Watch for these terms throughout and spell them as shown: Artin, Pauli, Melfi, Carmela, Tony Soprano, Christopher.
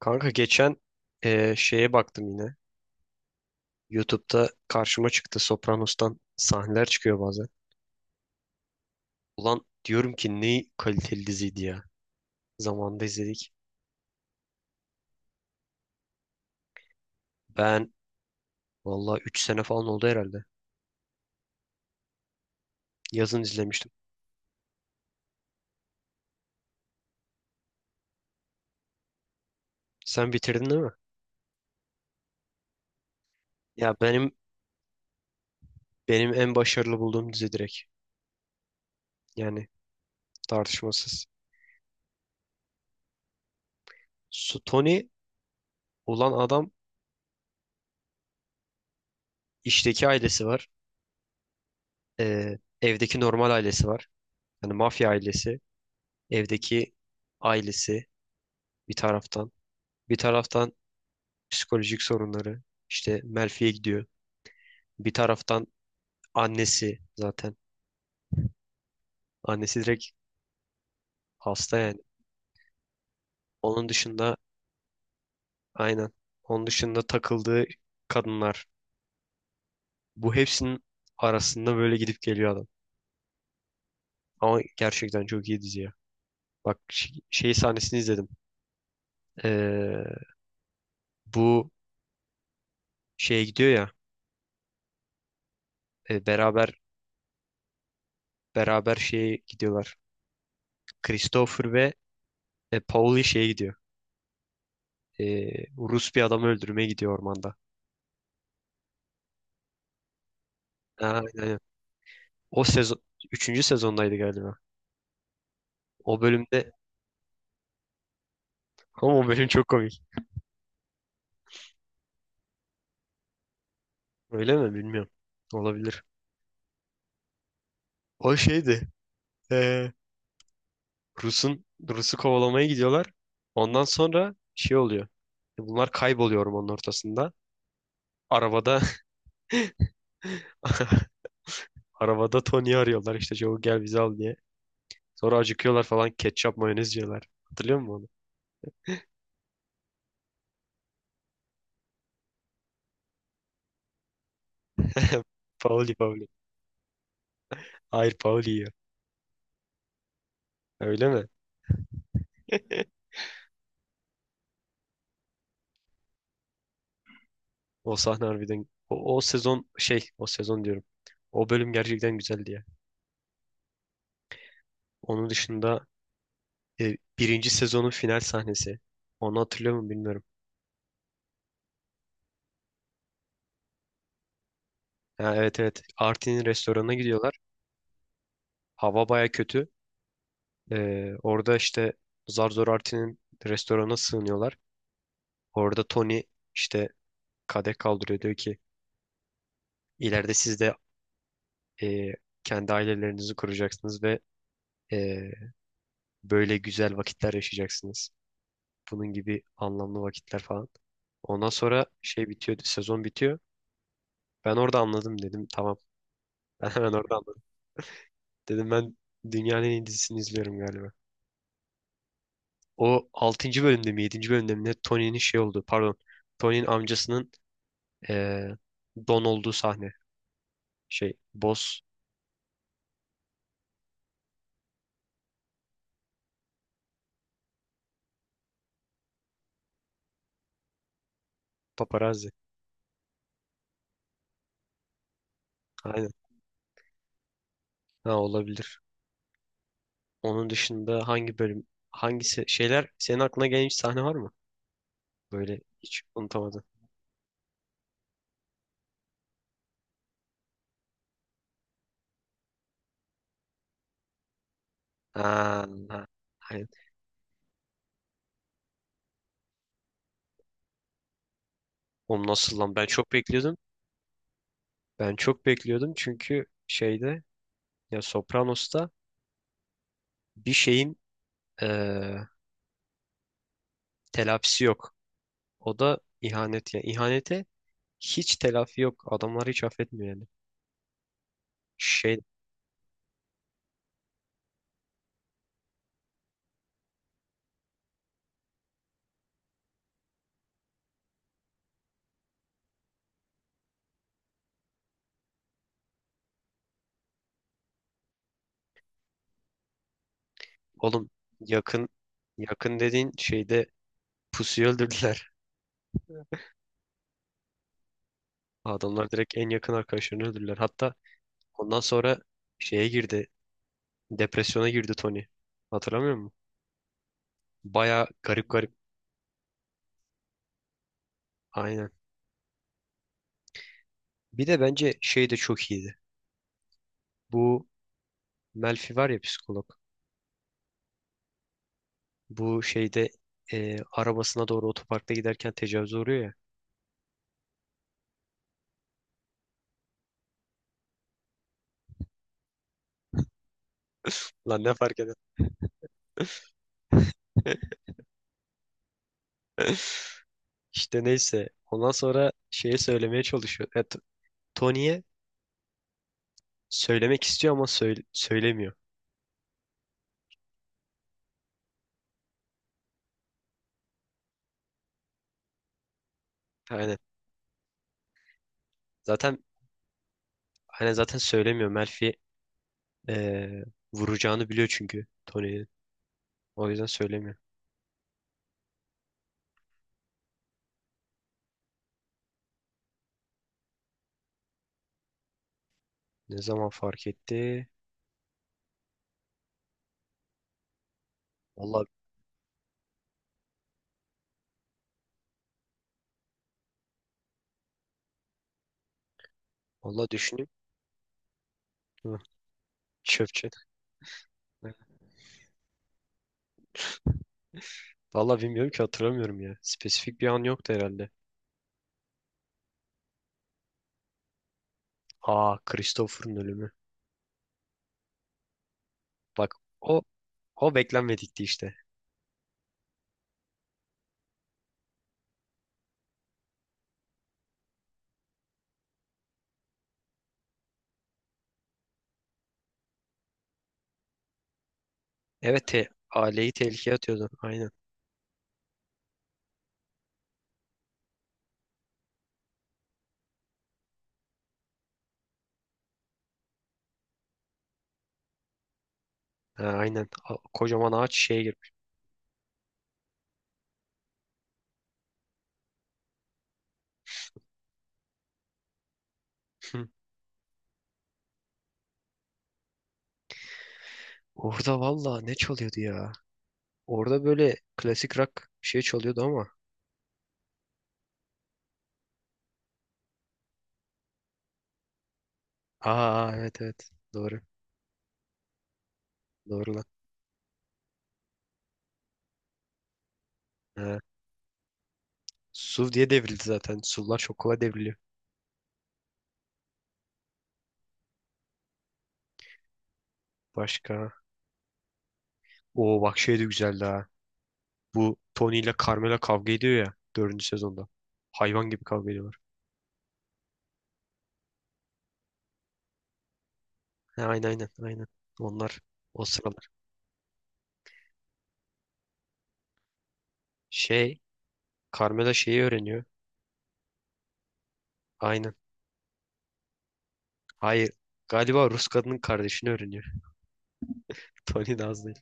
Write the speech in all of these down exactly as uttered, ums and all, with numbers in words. Kanka geçen eee, şeye baktım yine. YouTube'da karşıma çıktı. Sopranos'tan sahneler çıkıyor bazen. Ulan diyorum ki ne kaliteli diziydi ya. Zamanında izledik. Ben valla üç sene falan oldu herhalde. Yazın izlemiştim. Sen bitirdin değil mi? Ya benim benim en başarılı bulduğum dizi direkt. Yani tartışmasız. Su Tony ulan adam işteki ailesi var. Eee, evdeki normal ailesi var. Yani mafya ailesi. Evdeki ailesi bir taraftan. Bir taraftan psikolojik sorunları. İşte Melfi'ye gidiyor. Bir taraftan annesi zaten. Annesi direkt hasta yani. Onun dışında aynen. Onun dışında takıldığı kadınlar. Bu hepsinin arasında böyle gidip geliyor adam. Ama gerçekten çok iyi dizi ya. Bak ş- şey sahnesini izledim. Ee, Bu şeye gidiyor ya. e, beraber beraber şeye gidiyorlar. Christopher ve e, Pauli şeye gidiyor. Ee, Rus bir adamı öldürmeye gidiyor ormanda. Aynen. O sezon üçüncü sezondaydı galiba. O bölümde ama o bölüm çok komik. Öyle mi bilmiyorum. Olabilir. O şeydi. Ee, Rus'un Rus'u kovalamaya gidiyorlar. Ondan sonra şey oluyor. Bunlar kayboluyor ormanın ortasında. Arabada arabada Tony'yi arıyorlar işte çabuk gel bizi al diye. Sonra acıkıyorlar falan ketçap mayonez yiyorlar. Hatırlıyor musun onu? Pauli, Pauli. Hayır, Pauli yiyor. Öyle mi? O sahne harbiden o, o sezon şey o sezon diyorum. O bölüm gerçekten güzeldi ya. Onun dışında e, birinci sezonun final sahnesi. Onu hatırlıyor mu bilmiyorum. Ha, evet, evet. Artin'in restoranına gidiyorlar. Hava baya kötü. E, orada işte zar zor Artin'in restorana sığınıyorlar. Orada Tony işte kadeh kaldırıyor. Diyor ki ileride siz de e, kendi ailelerinizi kuracaksınız ve e, böyle güzel vakitler yaşayacaksınız. Bunun gibi anlamlı vakitler falan. Ondan sonra şey bitiyor, sezon bitiyor. Ben orada anladım dedim. Tamam. Ben hemen orada dedim, ben dünyanın en iyi dizisini izliyorum galiba. O altıncı bölümde mi yedinci bölümde mi ne Tony'nin şey oldu, pardon. Tony'nin amcasının eee, Don olduğu sahne. Şey Boss. Paparazzi. Aynen. Ha, olabilir. Onun dışında hangi bölüm hangisi şeyler senin aklına gelen hiç sahne var mı? Böyle hiç unutamadım. Ha, ha. Aynen. Oğlum nasıl lan? Ben çok bekliyordum. Ben çok bekliyordum çünkü şeyde ya, Sopranos'ta bir şeyin eee telafisi yok. O da ihanet ya. İhanete hiç telafi yok. Adamlar hiç affetmiyor yani. Şey oğlum yakın yakın dediğin şeyde pusuyu öldürdüler. Adamlar direkt en yakın arkadaşlarını öldürdüler. Hatta ondan sonra şeye girdi. Depresyona girdi Tony. Hatırlamıyor musun? Baya garip garip. Aynen. Bir de bence şey de çok iyiydi. Bu Melfi var ya, psikolog. Bu şeyde e, arabasına doğru otoparkta giderken tecavüze uğruyor ya. Lan ne fark eder? İşte neyse. Ondan sonra şeye söylemeye çalışıyor. Ya, T- Tony'ye söylemek istiyor ama söyle- söylemiyor. Aynen. Zaten aynen zaten söylemiyor. Melfi eee, vuracağını biliyor çünkü Tony'nin. O yüzden söylemiyor. Ne zaman fark etti? Vallahi vallahi düşüneyim. Hı. Çöpçe. Vallahi bilmiyorum ki, hatırlamıyorum ya. Spesifik bir an yoktu herhalde. Aa, Christopher'ın ölümü. Bak, o o beklenmedikti işte. Evet, te aileyi tehlikeye atıyordu. Aynen. Ha, aynen. A- Kocaman ağaç şeye girmiş. Hı. Orada valla ne çalıyordu ya? Orada böyle klasik rock bir şey çalıyordu ama. Aa, evet, evet. Doğru. Doğru lan. Ha. Suv diye devrildi zaten. Suvlar çok kolay devriliyor. Başka. Oo, bak şey de güzeldi ha. Bu Tony ile Carmela kavga ediyor ya. Dördüncü sezonda. Hayvan gibi kavga ediyorlar. Ha, aynen, aynen, aynen. Onlar o sıralar. Şey, Carmela şeyi öğreniyor. Aynen. Hayır. Galiba Rus kadının kardeşini öğreniyor. Tony Nazlı.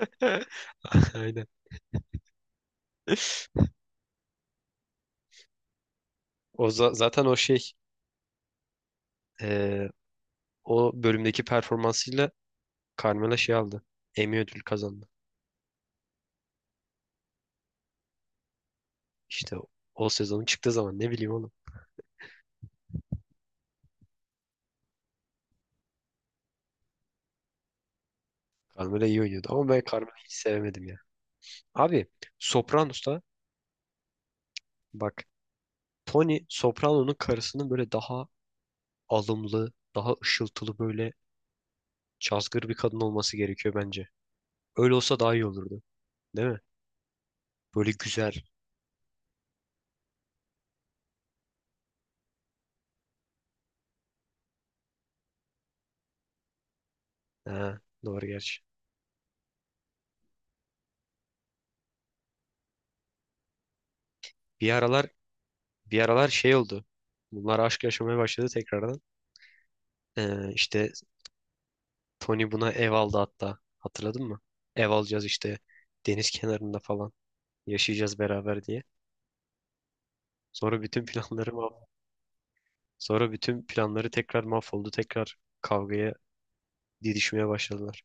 Aynen. O za- zaten o şey eee, o bölümdeki performansıyla Carmela şey aldı. Emmy ödül kazandı. İşte o, o sezonun çıktığı zaman ne bileyim oğlum. Carmela iyi oynuyordu ama ben Carmela'yı hiç sevemedim ya. Abi Sopranos'ta bak, Tony Soprano'nun karısının böyle daha alımlı, daha ışıltılı, böyle cazgır bir kadın olması gerekiyor bence. Öyle olsa daha iyi olurdu. Değil mi? Böyle güzel. Ha, doğru gerçi. Bir aralar Bir aralar şey oldu. Bunlar aşk yaşamaya başladı tekrardan. Ee, işte Tony buna ev aldı hatta. Hatırladın mı? Ev alacağız işte, deniz kenarında falan yaşayacağız beraber diye. Sonra bütün planları mah- Sonra bütün planları tekrar mahvoldu. Tekrar kavgaya didişmeye başladılar.